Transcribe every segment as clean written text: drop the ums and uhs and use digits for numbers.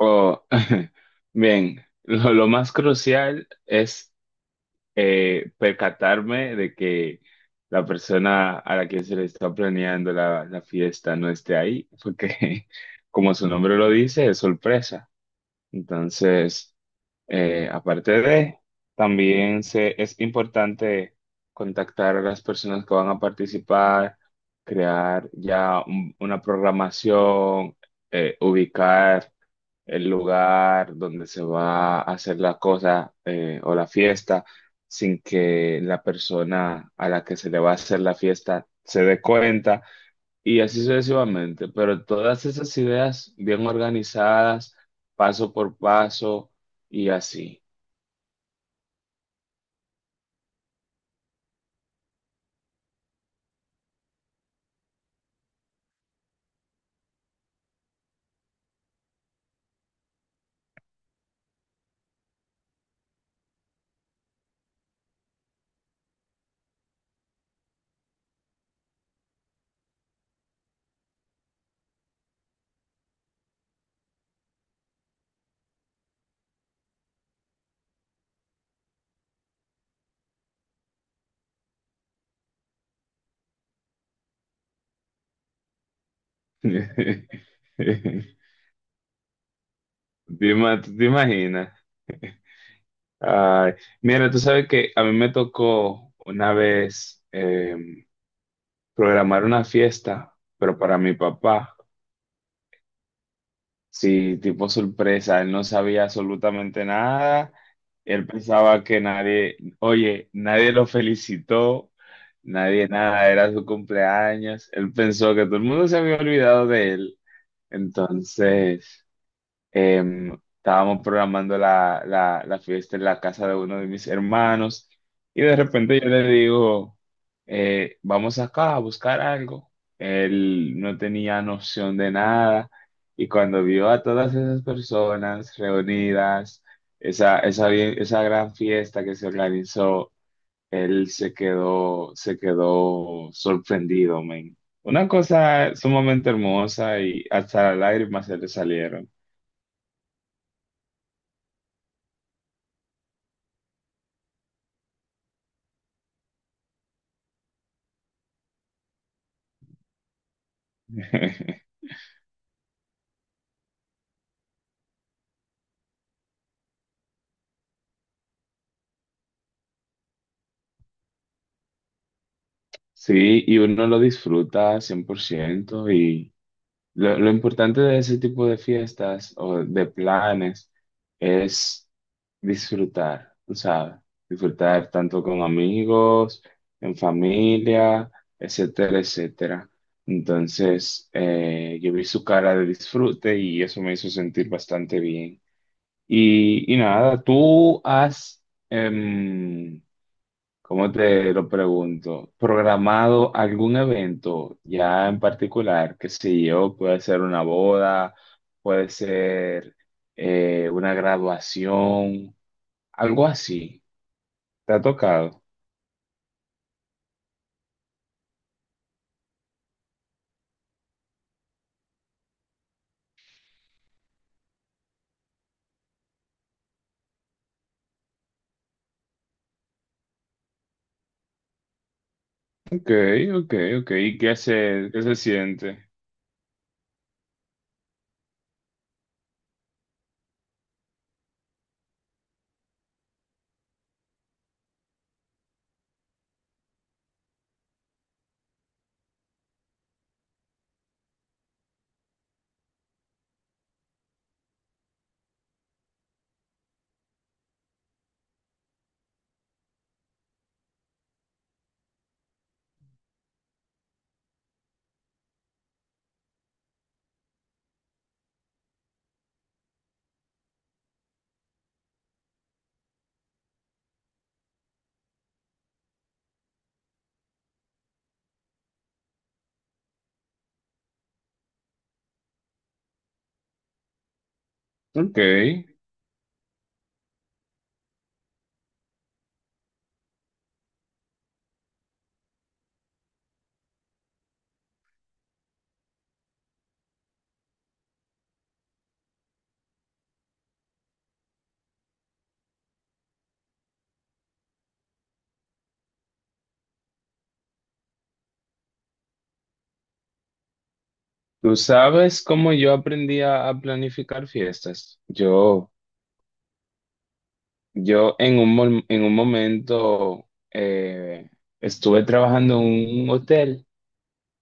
Oh, bien, lo más crucial es percatarme de que la persona a la que se le está planeando la fiesta no esté ahí, porque como su nombre lo dice, es sorpresa. Entonces, aparte de, también se, es importante contactar a las personas que van a participar, crear una programación, ubicar el lugar donde se va a hacer la cosa o la fiesta sin que la persona a la que se le va a hacer la fiesta se dé cuenta y así sucesivamente. Pero todas esas ideas bien organizadas, paso por paso y así. ¿Te tú te imaginas? Ay, mira, tú sabes que a mí me tocó una vez programar una fiesta, pero para mi papá. Sí, tipo sorpresa, él no sabía absolutamente nada, él pensaba que nadie, oye, nadie lo felicitó, nadie nada, era su cumpleaños, él pensó que todo el mundo se había olvidado de él, entonces... Em, estábamos programando la fiesta en la casa de uno de mis hermanos y de repente yo le digo, vamos acá a buscar algo. Él no tenía noción de nada y cuando vio a todas esas personas reunidas, esa gran fiesta que se organizó, él se quedó sorprendido, men. Una cosa sumamente hermosa y hasta las lágrimas se le salieron. Sí, y uno lo disfruta 100% y lo importante de ese tipo de fiestas o de planes es disfrutar, tú sabes, disfrutar tanto con amigos, en familia, etcétera, etcétera. Entonces, yo vi su cara de disfrute y eso me hizo sentir bastante bien. Y nada, tú has, em, ¿cómo te lo pregunto? ¿Programado algún evento ya en particular? Que si yo, puede ser una boda, puede ser una graduación, algo así. ¿Te ha tocado? Ok, ok, ok. ¿Y qué se siente? Ok. ¿Tú sabes cómo yo aprendí a planificar fiestas? Yo en un, en un momento estuve trabajando en un hotel.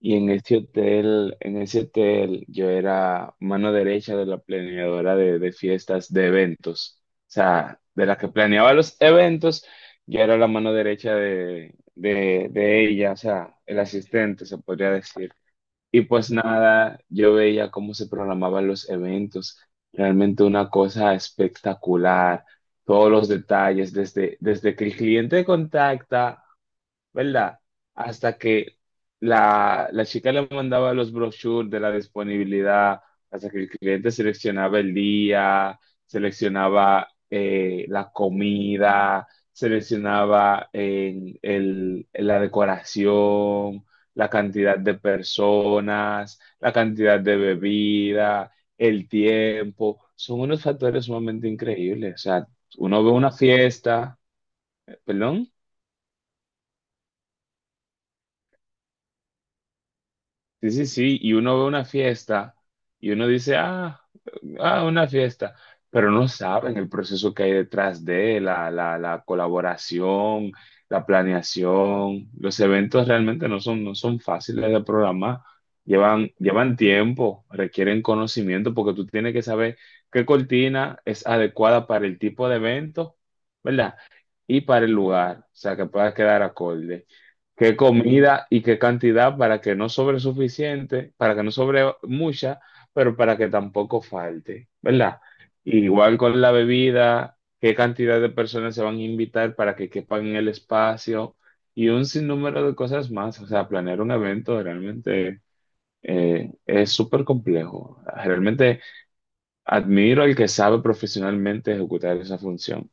Y en ese hotel, yo era mano derecha de la planeadora de fiestas, de eventos. O sea, de la que planeaba los eventos, yo era la mano derecha de ella, o sea, el asistente, se podría decir. Y pues nada, yo veía cómo se programaban los eventos. Realmente una cosa espectacular. Todos los detalles, desde, desde que el cliente contacta, ¿verdad? Hasta que la chica le mandaba los brochures de la disponibilidad, hasta que el cliente seleccionaba el día, seleccionaba la comida, seleccionaba la decoración, la cantidad de personas, la cantidad de bebida, el tiempo. Son unos factores sumamente increíbles. O sea, uno ve una fiesta, perdón. Sí, sí, sí, y uno ve una fiesta y uno dice, ah, ah, una fiesta, pero no saben el proceso que hay detrás de la colaboración, la planeación. Los eventos realmente no son fáciles de programar, llevan, llevan tiempo, requieren conocimiento porque tú tienes que saber qué cortina es adecuada para el tipo de evento, ¿verdad? Y para el lugar, o sea, que pueda quedar acorde, qué comida y qué cantidad para que no sobre suficiente, para que no sobre mucha, pero para que tampoco falte, ¿verdad? Igual con la bebida, qué cantidad de personas se van a invitar para que quepan en el espacio y un sinnúmero de cosas más. O sea, planear un evento realmente es súper complejo. Realmente admiro al que sabe profesionalmente ejecutar esa función.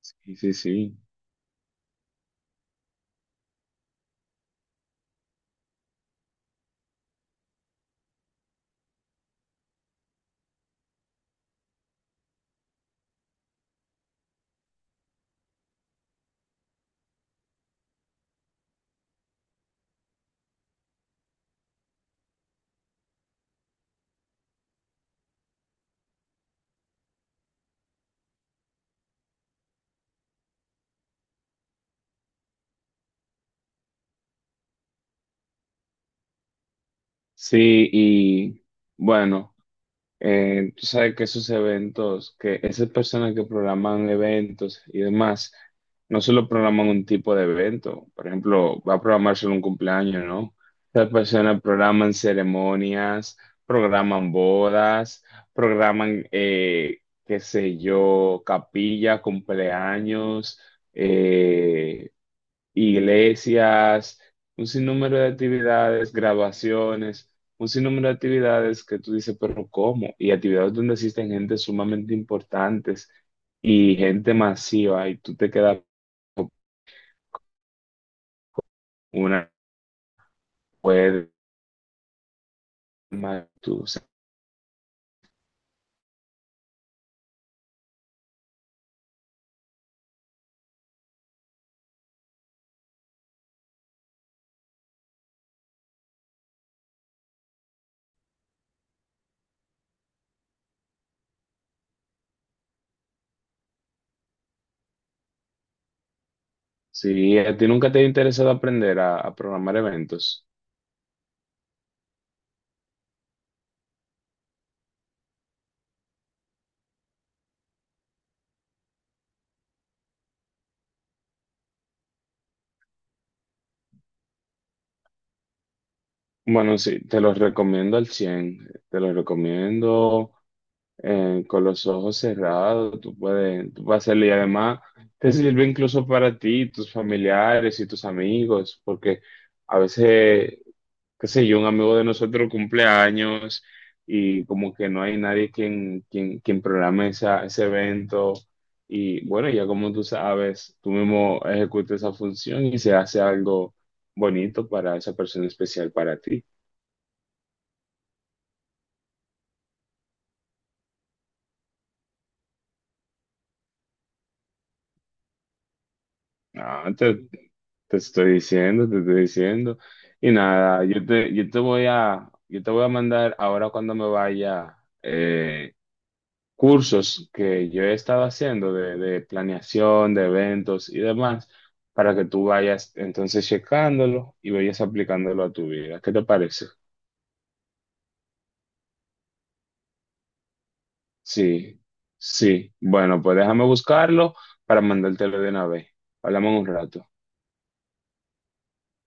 Sí, sí, sí. Sí, y bueno. Tú sabes que esos eventos, que esas personas que programan eventos y demás, no solo programan un tipo de evento, por ejemplo, va a programar solo un cumpleaños, ¿no? Esas personas programan ceremonias, programan bodas, programan, qué sé yo, capilla, cumpleaños, eh, iglesias, un sinnúmero de actividades, graduaciones, un sinnúmero de actividades que tú dices, pero ¿cómo? Y actividades donde existen gente sumamente importantes y gente masiva y tú te quedas con una web más tú. O sea, si a ti nunca te ha interesado aprender a programar eventos, bueno, sí, te los recomiendo al cien, te los recomiendo con los ojos cerrados, tú puedes hacerlo y además te sirve incluso para ti, tus familiares y tus amigos, porque a veces, qué sé yo, un amigo de nosotros cumple años y como que no hay nadie quien, quien, quien programe ese evento y bueno, ya como tú sabes, tú mismo ejecutas esa función y se hace algo bonito para esa persona especial para ti. No, te estoy diciendo, te estoy diciendo. Y nada, yo te voy a mandar ahora cuando me vaya cursos que yo he estado haciendo de planeación, de eventos y demás, para que tú vayas entonces checándolo y vayas aplicándolo a tu vida. ¿Qué te parece? Sí, sí. Bueno, pues déjame buscarlo para mandártelo de una vez. Hablamos en un rato.